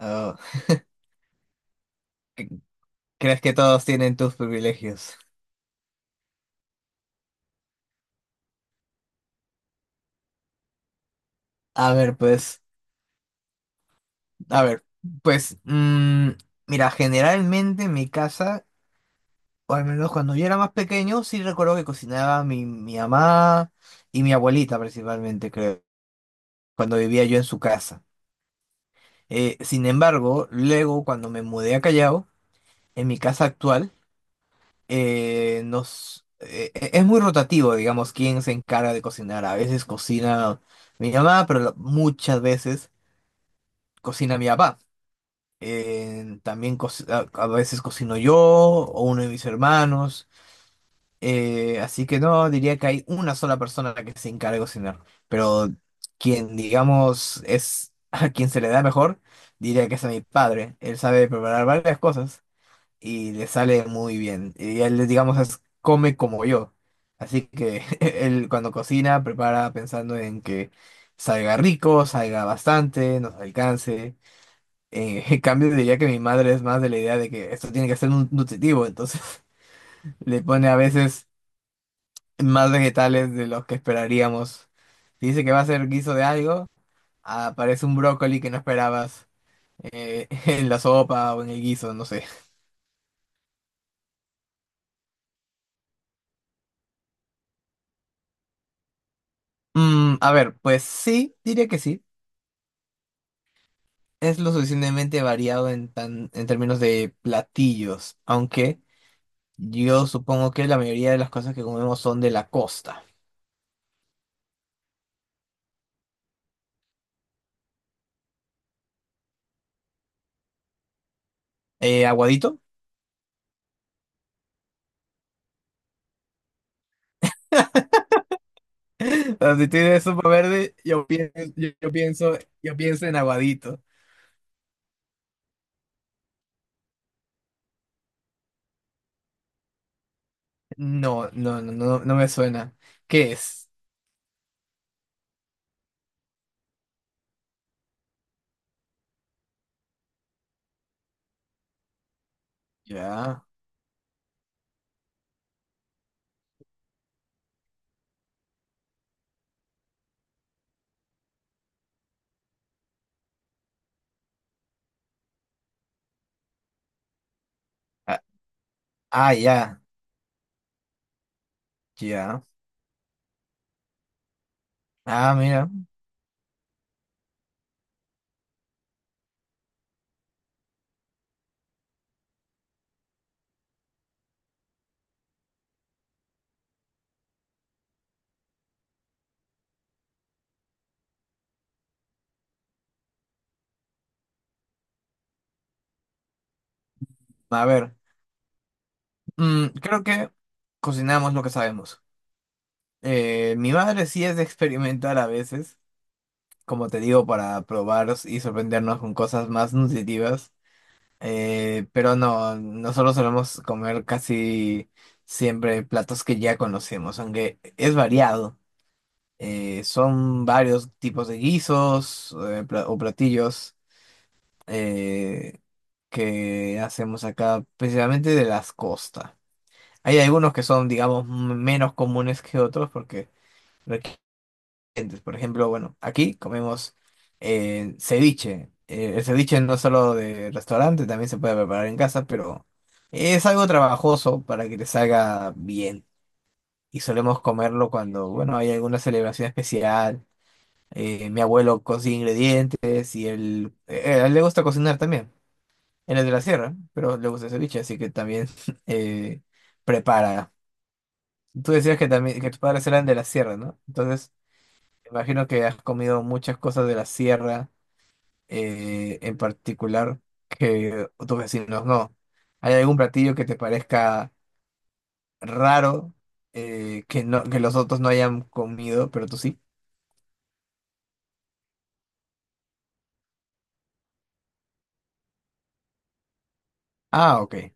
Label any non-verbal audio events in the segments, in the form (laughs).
Oh, (laughs) ¿cre- ¿Crees que todos tienen tus privilegios? A ver, pues, a ver, pues, mm, mira, generalmente en mi casa, o al menos cuando yo era más pequeño, sí recuerdo que cocinaba mi mamá y mi abuelita principalmente, creo, cuando vivía yo en su casa. Sin embargo, luego cuando me mudé a Callao, en mi casa actual, es muy rotativo, digamos, quién se encarga de cocinar. A veces cocina mi mamá, pero muchas veces cocina mi papá. También a veces cocino yo o uno de mis hermanos. Así que no, diría que hay una sola persona a la que se encarga de cocinar. Pero quien, digamos, es (laughs) a quien se le da mejor, diría que es a mi padre. Él sabe preparar varias cosas y le sale muy bien. Y él, digamos, come como yo. Así que (laughs) él cuando cocina, prepara pensando en que salga rico, salga bastante, nos alcance. (laughs) En cambio, diría que mi madre es más de la idea de que esto tiene que ser nutritivo, entonces (laughs) le pone a veces más vegetales de los que esperaríamos. Si dice que va a ser guiso de algo, aparece un brócoli que no esperabas (laughs) en la sopa o en el guiso, no sé. Mm, a ver, pues sí, diría que sí. Es lo suficientemente variado en términos de platillos, aunque yo supongo que la mayoría de las cosas que comemos son de la costa. Aguadito. (laughs) Si tienes sopa verde, yo pienso, yo pienso, yo pienso en aguadito. No, no, no, no, no me suena. ¿Qué es? Ya. Ah, ah, ya, ya. Ah, mira. A ver. Mm, creo que cocinamos lo que sabemos. Mi madre sí es de experimentar a veces. Como te digo, para probar y sorprendernos con cosas más nutritivas. Pero no, nosotros solemos comer casi siempre platos que ya conocemos, aunque es variado. Son varios tipos de guisos o platillos eh, que hacemos acá, principalmente de las costas. Hay algunos que son, digamos, menos comunes que otros porque requieren. Entonces, por ejemplo, bueno, aquí comemos ceviche. El ceviche no es solo de restaurante, también se puede preparar en casa, pero es algo trabajoso para que te salga bien. Y solemos comerlo cuando, bueno, hay alguna celebración especial. Mi abuelo cocina ingredientes y él, a él le gusta cocinar también. Él es de la sierra, pero le gusta el ceviche, así que también (laughs) eh, prepara. Tú decías que también que tus padres eran de la sierra, ¿no? Entonces, imagino que has comido muchas cosas de la sierra, en particular, que tus vecinos no. ¿Hay algún platillo que te parezca raro, que no, que los otros no hayan comido, pero tú sí? Ah, ok.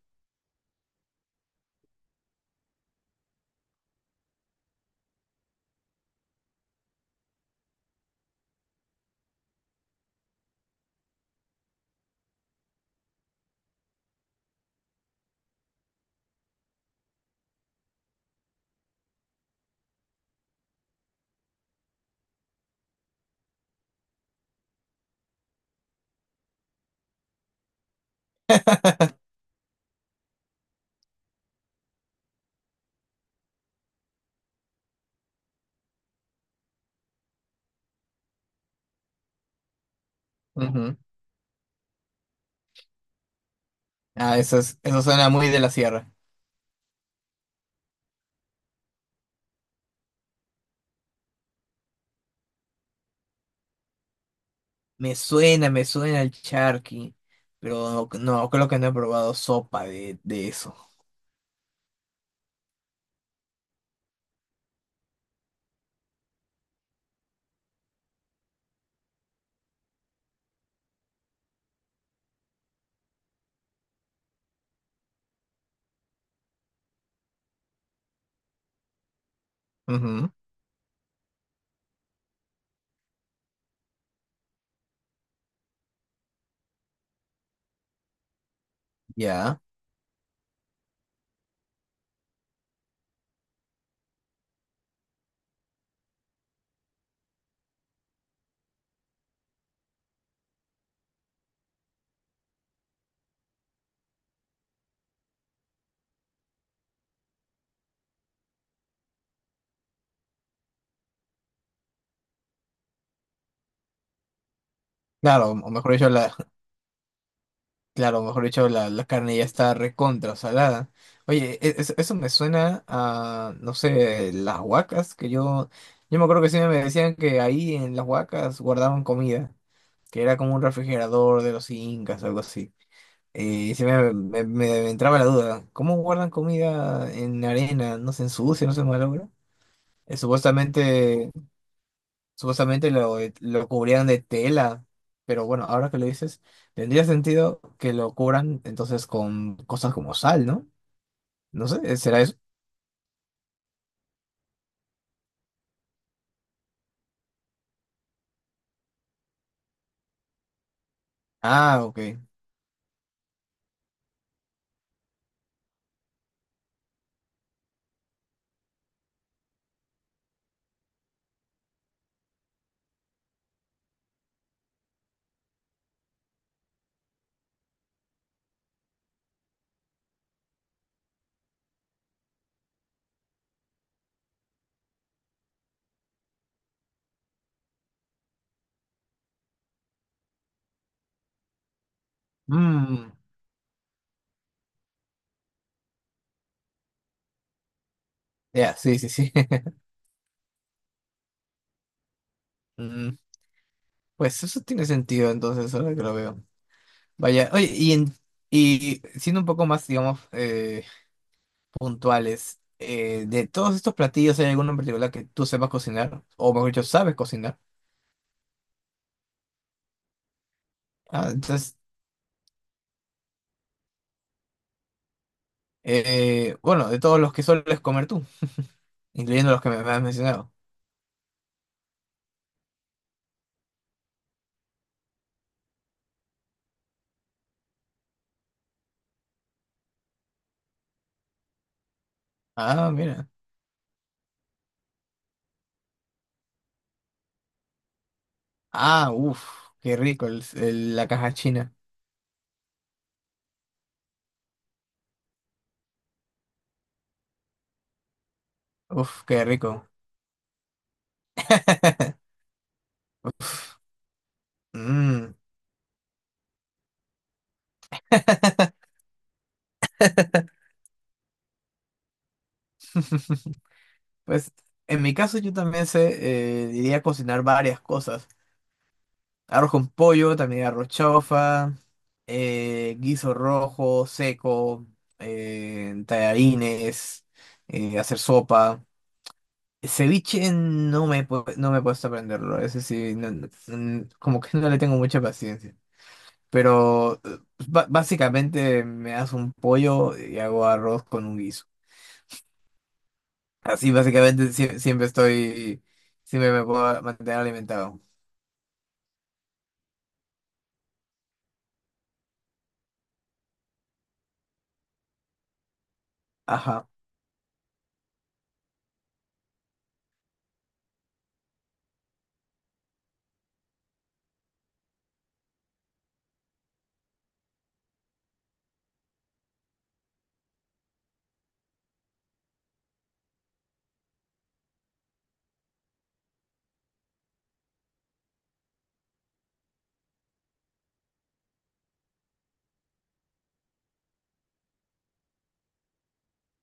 (laughs) Ujú. Ah, eso es, eso suena muy de la sierra. Me suena el charqui, pero no, no, creo que no he probado sopa de eso. Ujú. Ya. Claro, o mejor dicho, mejor dicho, la carne ya está recontra salada. Oye, eso me suena a, no sé, las huacas, que yo me acuerdo que siempre me decían que ahí en las huacas guardaban comida, que era como un refrigerador de los incas, algo así. Y me entraba la duda, ¿cómo guardan comida en arena? ¿No se ensucia, no se malogra? Eh, supuestamente Supuestamente lo cubrían de tela, pero bueno, ahora que lo dices, tendría sentido que lo cubran entonces con cosas como sal, ¿no? No sé, ¿será eso? Ah, ok. Mm, ya, sí, sí, sí. (laughs) Mm, pues eso tiene sentido entonces, ahora que lo veo. Vaya, oye, y siendo un poco más, digamos, puntuales, de todos estos platillos, ¿hay alguno en particular que tú sepas cocinar? O mejor dicho, sabes cocinar. Ah, entonces, bueno, de todos los que sueles comer tú. Incluyendo los que me has mencionado. Ah, mira. Ah, uff, qué rico la caja china. Uff, qué rico. (laughs) Mm. (laughs) Pues en mi caso yo también sé, diría cocinar varias cosas. Arroz con pollo, también arroz chaufa, guiso rojo, seco, tallarines, hacer sopa. Ceviche no no me he puesto a aprenderlo, ese sí, como que no le tengo mucha paciencia. Pero pues, básicamente me hago un pollo y hago arroz con un guiso. Así básicamente siempre estoy, siempre me puedo mantener alimentado. Ajá.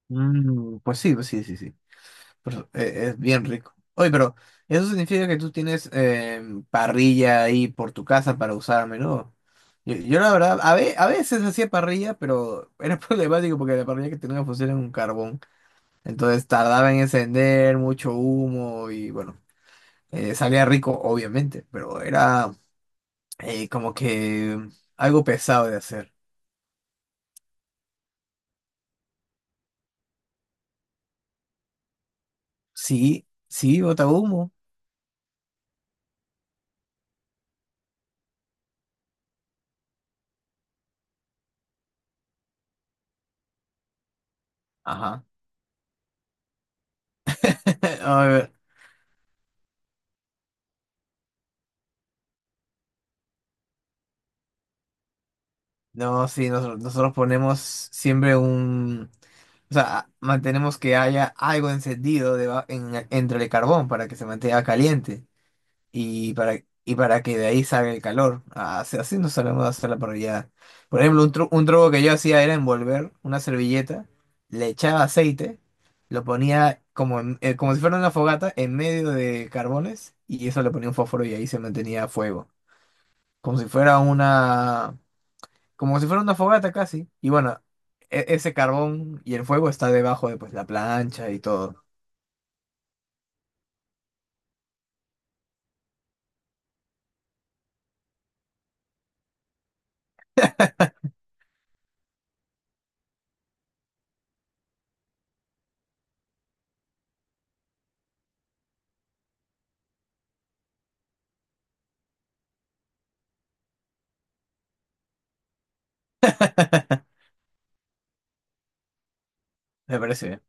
Mm, pues sí, sí, sí. Pero, es bien rico. Oye, pero eso significa que tú tienes em, parrilla ahí por tu casa para usar a menudo. Yo la verdad, a veces hacía parrilla, pero era (laughs) problemático porque la parrilla que tenía funcionaba en un carbón. Entonces tardaba en encender, mucho humo y bueno. Salía rico, obviamente, pero era como que algo pesado de hacer. Sí, sí, bota humo. Ajá. (laughs) A ver, no, sí, nosotros ponemos siempre un... O sea, mantenemos que haya algo encendido entre el carbón para que se mantenga caliente. Y para, y para que de ahí salga el calor. Ah, así, así no sabemos hacer la parrillada. Por ejemplo, un truco que yo hacía era envolver una servilleta, le echaba aceite, lo ponía como, como si fuera una fogata en medio de carbones y eso le ponía un fósforo y ahí se mantenía a fuego. Como si fuera una, como si fuera una fogata casi. Y bueno, ese carbón y el fuego está debajo de pues, la plancha y todo. (laughs) Me parece